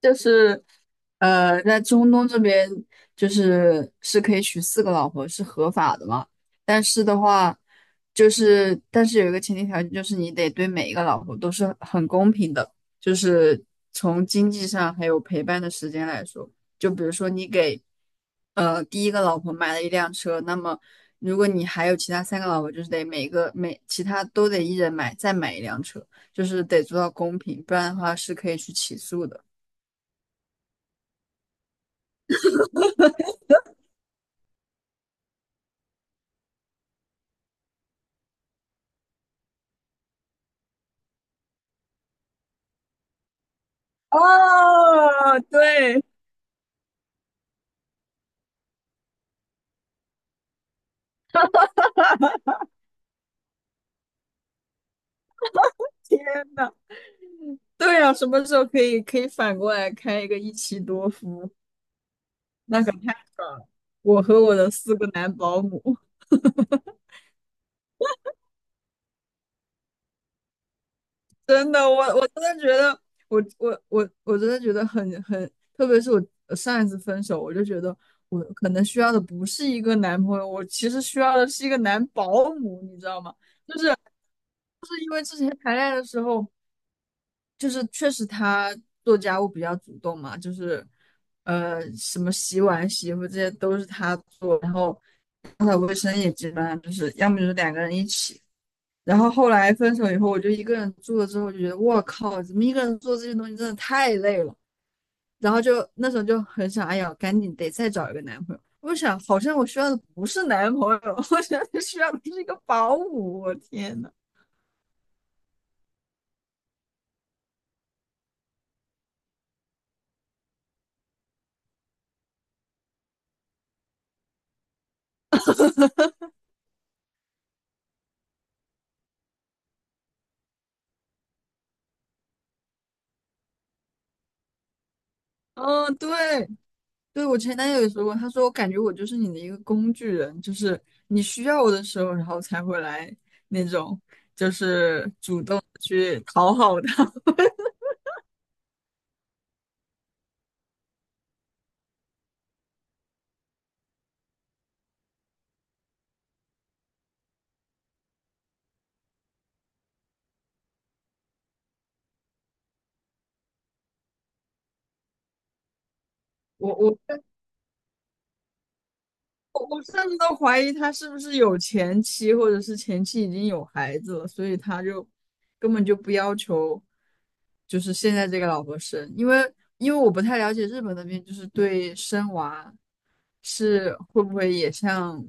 就是在中东这边就是可以娶四个老婆，是合法的嘛。但是的话，但是有一个前提条件，就是你得对每一个老婆都是很公平的，就是从经济上还有陪伴的时间来说，就比如说你给第一个老婆买了一辆车，那么如果你还有其他三个老婆，就是得每其他都得一人再买一辆车，就是得做到公平，不然的话是可以去起诉的。哦，对，天呐，对呀、什么时候可以反过来开一个一妻多夫？那可太爽了！我和我的四个男保姆，真的，我真的觉得，我真的觉得很，特别是我上一次分手，我就觉得我可能需要的不是一个男朋友，我其实需要的是一个男保姆，你知道吗？因为之前谈恋爱的时候。就是确实他做家务比较主动嘛，就是什么洗碗、洗衣服这些都是他做，然后打扫卫生也基本上就是要么就是两个人一起。然后后来分手以后，我就一个人住了之后，就觉得我靠，怎么一个人做这些东西真的太累了。然后就那时候就很想，哎呀，赶紧得再找一个男朋友。我想，好像我需要的不是男朋友，我想需要的是一个保姆。我天呐，嗯，对，对，我前男友也说过，他说我感觉我就是你的一个工具人，就是你需要我的时候，然后才会来那种，就是主动地去讨好他。我我我甚至都怀疑他是不是有前妻，或者是前妻已经有孩子了，所以他就根本就不要求，就是现在这个老婆生，因为我不太了解日本那边就是对生娃是会不会也像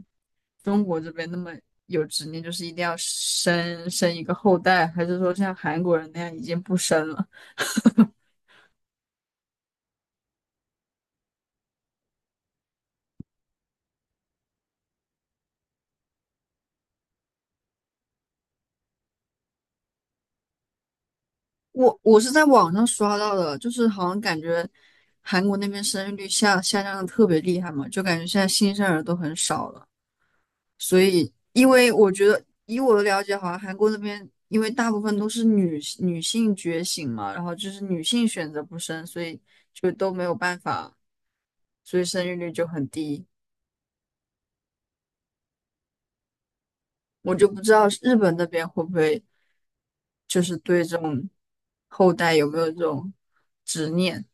中国这边那么有执念，就是一定要生一个后代，还是说像韩国人那样已经不生了？我是在网上刷到的，就是好像感觉韩国那边生育率下降的特别厉害嘛，就感觉现在新生儿都很少了。所以，因为我觉得以我的了解，好像韩国那边因为大部分都是女性觉醒嘛，然后就是女性选择不生，所以就都没有办法，所以生育率就很低。我就不知道日本那边会不会就是对这种后代有没有这种执念，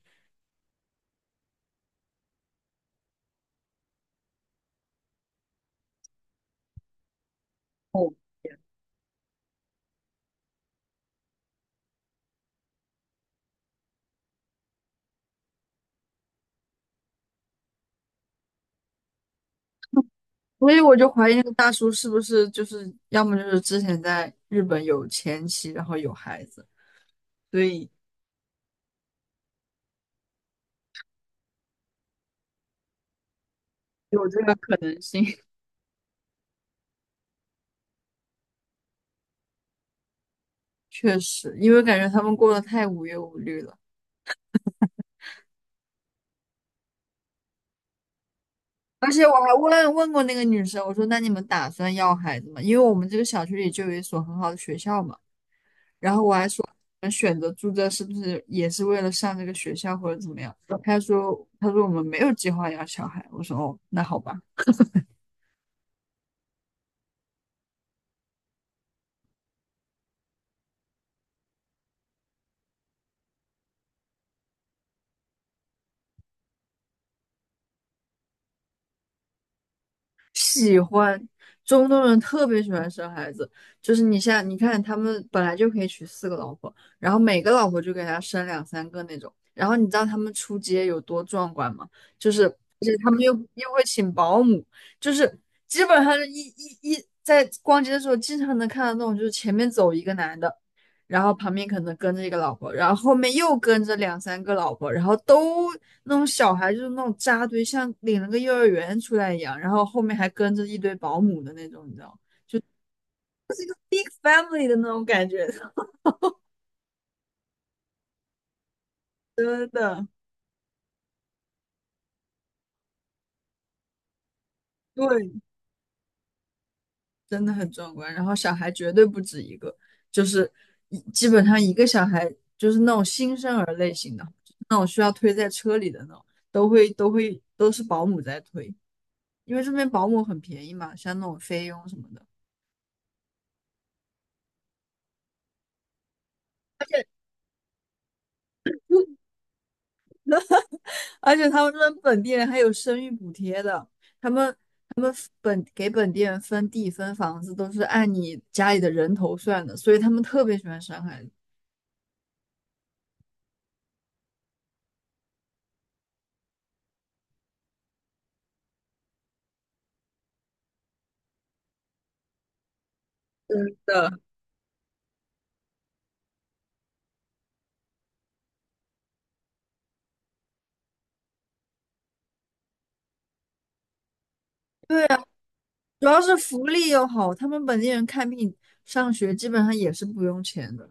所以我就怀疑那个大叔是不是就是要么就是之前在日本有前妻，然后有孩子，所以有这个可能性。确实，因为感觉他们过得太无忧无虑了。而且我还问过那个女生，我说那你们打算要孩子吗？因为我们这个小区里就有一所很好的学校嘛。然后我还说，我们选择住这是不是也是为了上这个学校或者怎么样？他说，他说我们没有计划要小孩。我说，哦，那好吧。喜欢，中东人特别喜欢生孩子，就是你像你看他们本来就可以娶四个老婆，然后每个老婆就给他生两三个那种。然后你知道他们出街有多壮观吗？就是，而且他们又会请保姆，就是基本上是一一一在逛街的时候经常能看到那种，就是前面走一个男的。然后旁边可能跟着一个老婆，然后后面又跟着两三个老婆，然后都那种小孩就是那种扎堆，像领了个幼儿园出来一样，然后后面还跟着一堆保姆的那种，你知道 b i g family 的那种感觉，真的，对，真的很壮观。然后小孩绝对不止一个，就是基本上一个小孩就是那种新生儿类型的，那种需要推在车里的那种，都是保姆在推，因为这边保姆很便宜嘛，像那种菲佣什么的。而且他们这边本地人还有生育补贴的，他们给本地人分地分房子都是按你家里的人头算的，所以他们特别喜欢生孩子。的，对啊，主要是福利又好，他们本地人看病、上学基本上也是不用钱的。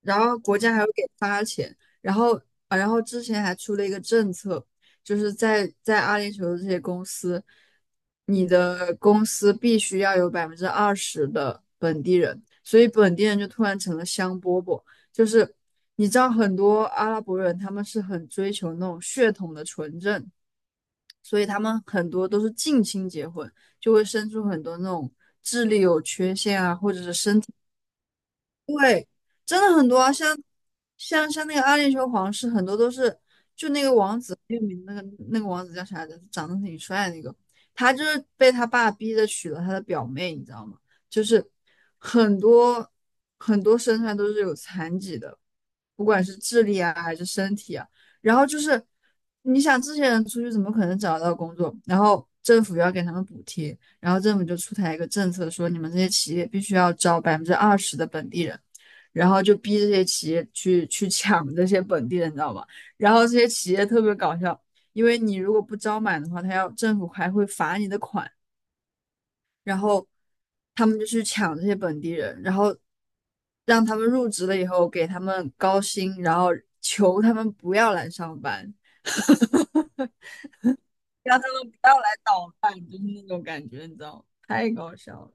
然后国家还会给发钱，然后啊，然后之前还出了一个政策，就是在阿联酋的这些公司，你的公司必须要有百分之二十的本地人，所以本地人就突然成了香饽饽，就是你知道很多阿拉伯人他们是很追求那种血统的纯正，所以他们很多都是近亲结婚，就会生出很多那种智力有缺陷啊，或者是身体。对，真的很多啊，像那个《暗恋球皇室》，很多都是就那个王子很有名的那个王子叫啥来着？长得挺帅的那个，他就是被他爸逼着娶了他的表妹，你知道吗？就是很多很多身上都是有残疾的，不管是智力啊还是身体啊。然后就是你想这些人出去怎么可能找得到工作？然后政府要给他们补贴，然后政府就出台一个政策说，你们这些企业必须要招百分之二十的本地人。然后就逼这些企业去抢这些本地人，你知道吧？然后这些企业特别搞笑，因为你如果不招满的话，他要政府还会罚你的款，然后他们就去抢这些本地人，然后让他们入职了以后给他们高薪，然后求他们不要来上班，让他们不要来捣蛋，就是那种感觉，你知道吗？太搞笑了。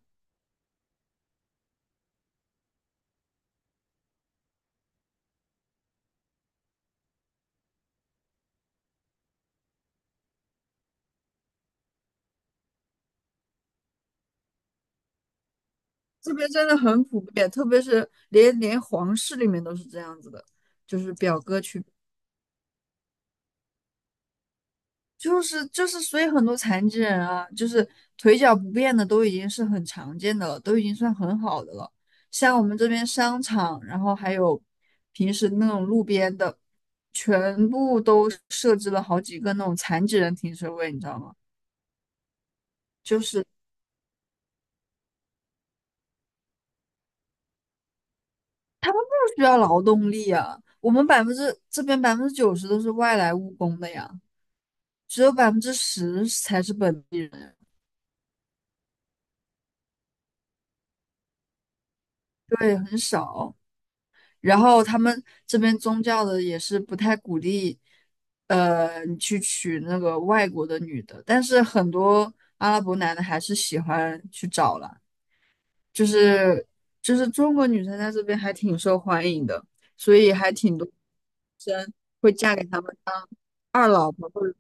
这边真的很普遍，特别是连皇室里面都是这样子的，就是表哥去就是，所以很多残疾人啊，就是腿脚不便的都已经是很常见的了，都已经算很好的了。像我们这边商场，然后还有平时那种路边的，全部都设置了好几个那种残疾人停车位，你知道吗？就是不需要劳动力啊。我们百分之这边90%都是外来务工的呀，只有10%才是本地人，对，很少。然后他们这边宗教的也是不太鼓励，你去娶那个外国的女的，但是很多阿拉伯男的还是喜欢去找了，就是中国女生在这边还挺受欢迎的，所以还挺多会嫁给他们二老婆。或者。